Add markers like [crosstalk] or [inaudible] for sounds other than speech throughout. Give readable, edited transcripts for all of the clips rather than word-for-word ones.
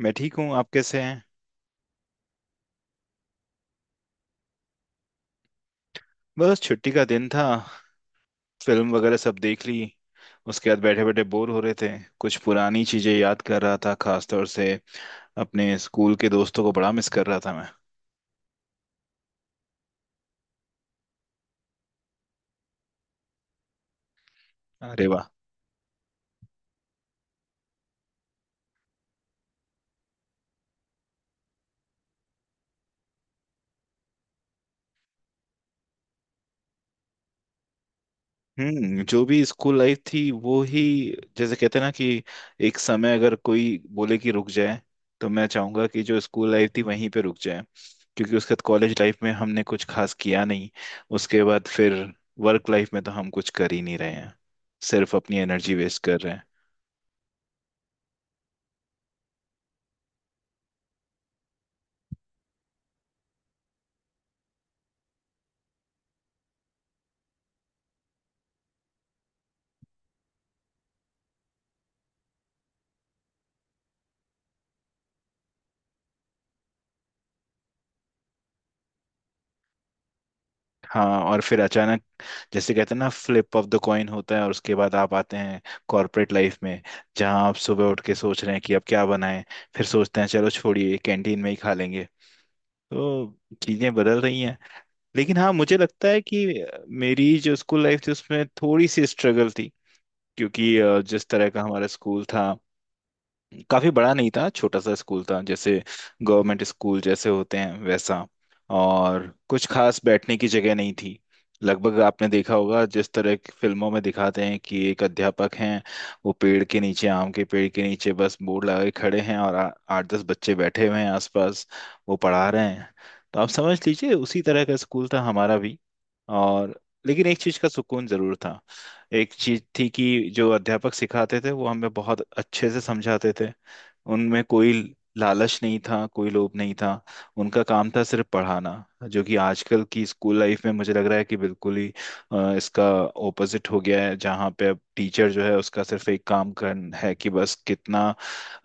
मैं ठीक हूँ। आप कैसे हैं? बस छुट्टी का दिन था। फिल्म वगैरह सब देख ली। उसके बाद बैठे बैठे बोर हो रहे थे। कुछ पुरानी चीजें याद कर रहा था, खासतौर से अपने स्कूल के दोस्तों को बड़ा मिस कर रहा था मैं। अरे वाह। हम्म। जो भी स्कूल लाइफ थी वो ही, जैसे कहते हैं ना कि एक समय अगर कोई बोले कि रुक जाए, तो मैं चाहूंगा कि जो स्कूल लाइफ थी वहीं पे रुक जाए। क्योंकि उसके बाद कॉलेज लाइफ में हमने कुछ खास किया नहीं। उसके बाद फिर वर्क लाइफ में तो हम कुछ कर ही नहीं रहे हैं, सिर्फ अपनी एनर्जी वेस्ट कर रहे हैं। हाँ, और फिर अचानक जैसे कहते हैं ना, फ्लिप ऑफ द कॉइन होता है, और उसके बाद आप आते हैं कॉर्पोरेट लाइफ में, जहाँ आप सुबह उठ के सोच रहे हैं कि अब क्या बनाएं। फिर सोचते हैं चलो छोड़िए कैंटीन में ही खा लेंगे। तो चीजें बदल रही हैं। लेकिन हाँ, मुझे लगता है कि मेरी जो स्कूल लाइफ थी उसमें थोड़ी सी स्ट्रगल थी। क्योंकि जिस तरह का हमारा स्कूल था, काफी बड़ा नहीं था, छोटा सा स्कूल था। जैसे गवर्नमेंट स्कूल जैसे होते हैं वैसा। और कुछ खास बैठने की जगह नहीं थी। लगभग आपने देखा होगा जिस तरह की फिल्मों में दिखाते हैं कि एक अध्यापक हैं, वो पेड़ के नीचे, आम के पेड़ के नीचे बस बोर्ड लगाए खड़े हैं, और आठ दस बच्चे बैठे हुए हैं आसपास, वो पढ़ा रहे हैं। तो आप समझ लीजिए उसी तरह का स्कूल था हमारा भी। और लेकिन एक चीज का सुकून जरूर था। एक चीज थी कि जो अध्यापक सिखाते थे वो हमें बहुत अच्छे से समझाते थे। उनमें कोई लालच नहीं था, कोई लोभ नहीं था। उनका काम था सिर्फ पढ़ाना। जो कि आजकल की स्कूल लाइफ में मुझे लग रहा है कि बिल्कुल ही इसका ओपोजिट हो गया है, जहाँ पे अब टीचर जो है उसका सिर्फ एक काम कर है कि बस कितना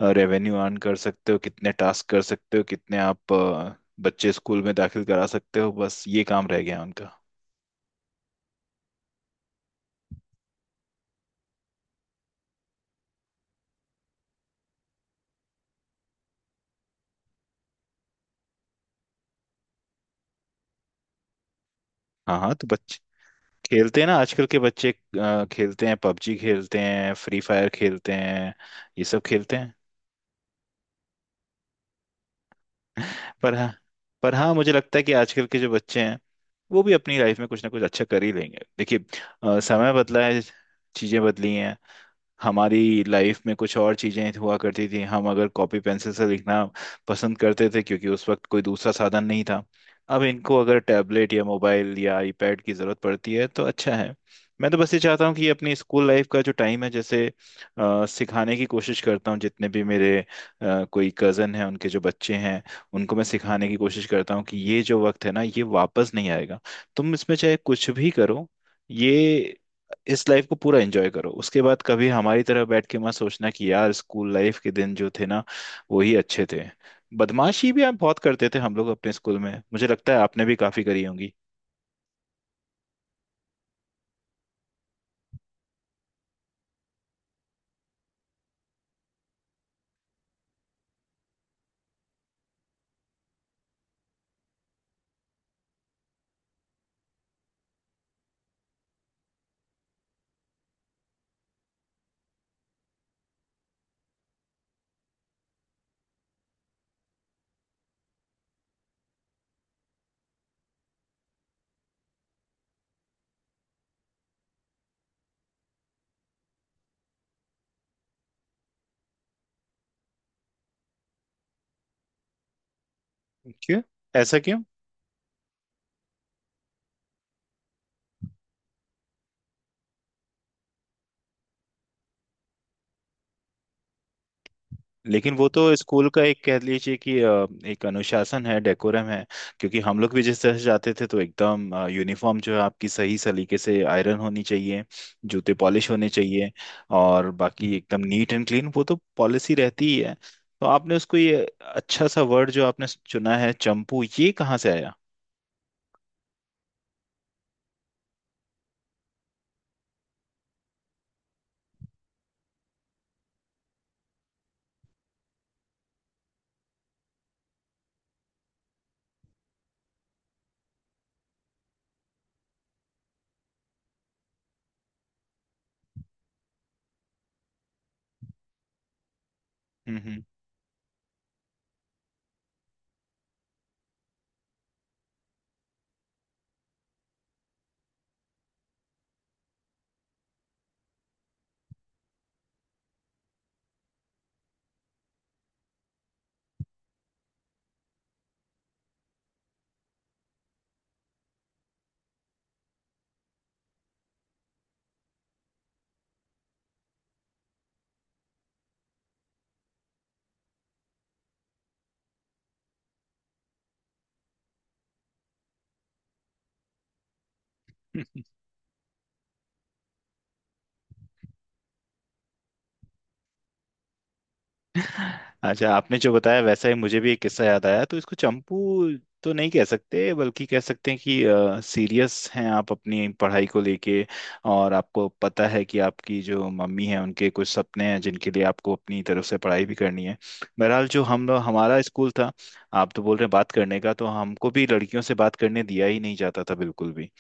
रेवेन्यू अर्न कर सकते हो, कितने टास्क कर सकते हो, कितने आप बच्चे स्कूल में दाखिल करा सकते हो, बस ये काम रह गया है उनका। हाँ हाँ, तो बच्चे खेलते हैं ना आजकल के बच्चे, खेलते हैं पबजी, खेलते हैं फ्री फायर खेलते हैं, ये सब खेलते हैं। पर हाँ, पर हाँ मुझे लगता है कि आजकल के जो बच्चे हैं वो भी अपनी लाइफ में कुछ ना कुछ अच्छा कर ही लेंगे, देखिए। समय बदला है, चीजें बदली हैं। हमारी लाइफ में कुछ और चीजें हुआ करती थी। हम अगर कॉपी पेंसिल से लिखना पसंद करते थे, क्योंकि उस वक्त कोई दूसरा साधन नहीं था। अब इनको अगर टैबलेट या मोबाइल या आईपैड की जरूरत पड़ती है तो अच्छा है। मैं तो बस ये चाहता हूँ कि अपनी स्कूल लाइफ का जो टाइम है, जैसे सिखाने की कोशिश करता हूँ जितने भी मेरे कोई कज़न हैं उनके जो बच्चे हैं, उनको मैं सिखाने की कोशिश करता हूँ कि ये जो वक्त है ना ये वापस नहीं आएगा। तुम इसमें चाहे कुछ भी करो, ये इस लाइफ को पूरा एंजॉय करो। उसके बाद कभी हमारी तरह बैठ के मत सोचना कि यार स्कूल लाइफ के दिन जो थे ना वो ही अच्छे थे। बदमाशी भी आप बहुत करते थे, हम लोग अपने स्कूल में। मुझे लगता है आपने भी काफी करी होंगी। क्यों? ऐसा क्यों? लेकिन वो तो स्कूल का एक, कह लीजिए कि एक अनुशासन है, डेकोरम है। क्योंकि हम लोग भी जिस तरह से जाते थे तो एकदम यूनिफॉर्म जो है आपकी सही सलीके से आयरन होनी चाहिए, जूते पॉलिश होने चाहिए, और बाकी एकदम नीट एंड क्लीन, वो तो पॉलिसी रहती ही है। तो आपने उसको ये अच्छा सा वर्ड जो आपने चुना है चंपू, ये कहाँ से आया? हम्म। [laughs] अच्छा, आपने जो बताया वैसा ही मुझे भी एक किस्सा याद आया। तो इसको चंपू तो नहीं कह सकते, बल्कि कह सकते हैं कि सीरियस हैं आप अपनी पढ़ाई को लेके। और आपको पता है कि आपकी जो मम्मी है उनके कुछ सपने हैं जिनके लिए आपको अपनी तरफ से पढ़ाई भी करनी है। बहरहाल, जो हम लोग, हमारा स्कूल था, आप तो बोल रहे हैं बात करने का, तो हमको भी लड़कियों से बात करने दिया ही नहीं जाता था बिल्कुल भी।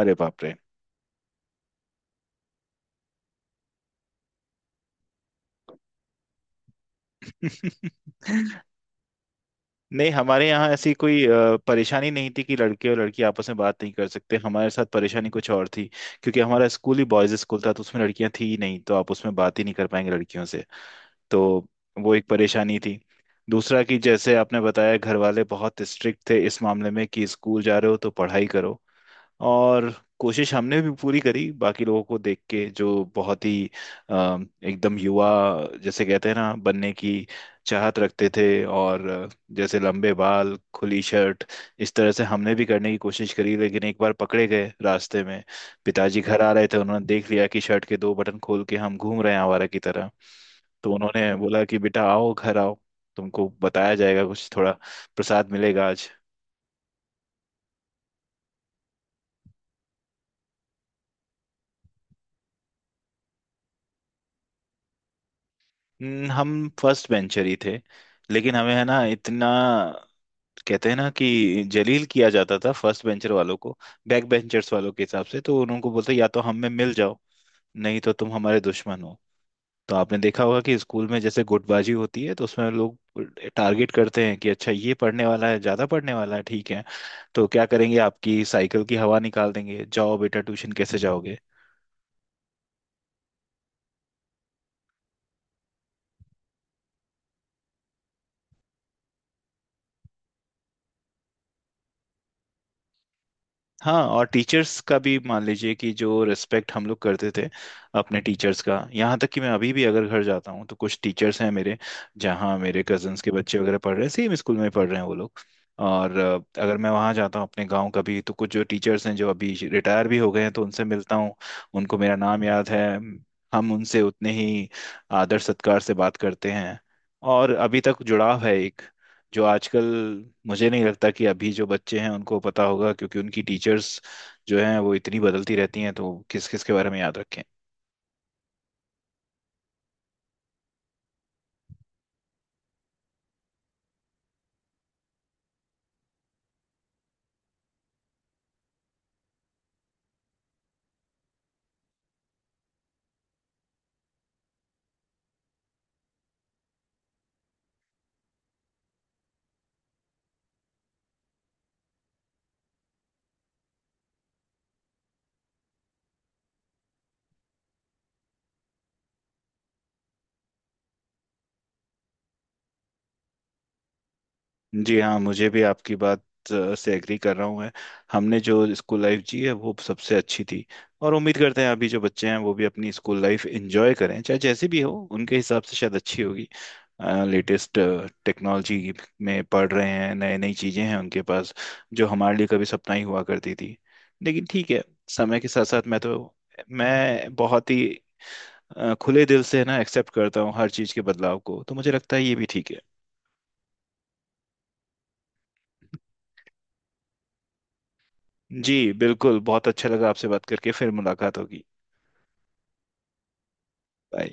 अरे बाप रे। [laughs] नहीं, हमारे यहाँ ऐसी कोई परेशानी नहीं थी कि लड़के और लड़की आपस में बात नहीं कर सकते। हमारे साथ परेशानी कुछ और थी। क्योंकि हमारा स्कूल ही बॉयज स्कूल था, तो उसमें लड़कियां थी ही नहीं, तो आप उसमें बात ही नहीं कर पाएंगे लड़कियों से। तो वो एक परेशानी थी। दूसरा कि जैसे आपने बताया घर वाले बहुत स्ट्रिक्ट थे इस मामले में कि स्कूल जा रहे हो तो पढ़ाई करो। और कोशिश हमने भी पूरी करी, बाकी लोगों को देख के, जो बहुत ही अ, एकदम युवा, जैसे कहते हैं ना, बनने की चाहत रखते थे। और जैसे लंबे बाल, खुली शर्ट, इस तरह से हमने भी करने की कोशिश करी। लेकिन एक बार पकड़े गए रास्ते में। पिताजी घर आ रहे थे, उन्होंने देख लिया कि शर्ट के दो बटन खोल के हम घूम रहे हैं आवारा की तरह। तो उन्होंने बोला कि बेटा आओ, घर आओ, तुमको बताया जाएगा कुछ थोड़ा, प्रसाद मिलेगा आज। हम फर्स्ट बेंचर ही थे। लेकिन हमें है ना इतना, कहते हैं ना कि जलील किया जाता था फर्स्ट बेंचर वालों को। बैक बेंचर्स वालों के हिसाब से तो उनको बोलते या तो हम में मिल जाओ, नहीं तो तुम हमारे दुश्मन हो। तो आपने देखा होगा कि स्कूल में जैसे गुटबाजी होती है, तो उसमें लोग टारगेट करते हैं कि अच्छा, ये पढ़ने वाला है, ज्यादा पढ़ने वाला है, ठीक है, तो क्या करेंगे, आपकी साइकिल की हवा निकाल देंगे, जाओ बेटा ट्यूशन कैसे जाओगे। हाँ, और टीचर्स का भी मान लीजिए कि जो रिस्पेक्ट हम लोग करते थे अपने टीचर्स का, यहाँ तक कि मैं अभी भी अगर घर जाता हूँ तो कुछ टीचर्स हैं मेरे, जहाँ मेरे कजन्स के बच्चे वगैरह पढ़ रहे हैं, सेम स्कूल में पढ़ रहे हैं वो लोग। और अगर मैं वहाँ जाता हूँ अपने गांव कभी, तो कुछ जो टीचर्स हैं जो अभी रिटायर भी हो गए हैं, तो उनसे मिलता हूँ। उनको मेरा नाम याद है। हम उनसे उतने ही आदर सत्कार से बात करते हैं और अभी तक जुड़ाव है एक, जो आजकल मुझे नहीं लगता कि अभी जो बच्चे हैं उनको पता होगा, क्योंकि उनकी टीचर्स जो हैं वो इतनी बदलती रहती हैं तो किस किस के बारे में याद रखें। जी हाँ, मुझे भी आपकी बात से एग्री कर रहा हूँ मैं। हमने जो स्कूल लाइफ जी है वो सबसे अच्छी थी। और उम्मीद करते हैं अभी जो बच्चे हैं वो भी अपनी स्कूल लाइफ एंजॉय करें, चाहे जैसी भी हो, उनके हिसाब से शायद अच्छी होगी। लेटेस्ट टेक्नोलॉजी में पढ़ रहे हैं, नई नई चीज़ें हैं उनके पास, जो हमारे लिए कभी सपना ही हुआ करती थी। लेकिन ठीक है, समय के साथ साथ मैं तो, मैं बहुत ही खुले दिल से ना एक्सेप्ट करता हूँ हर चीज़ के बदलाव को, तो मुझे लगता है ये भी ठीक है। जी बिल्कुल, बहुत अच्छा लगा आपसे बात करके, फिर मुलाकात होगी। बाय।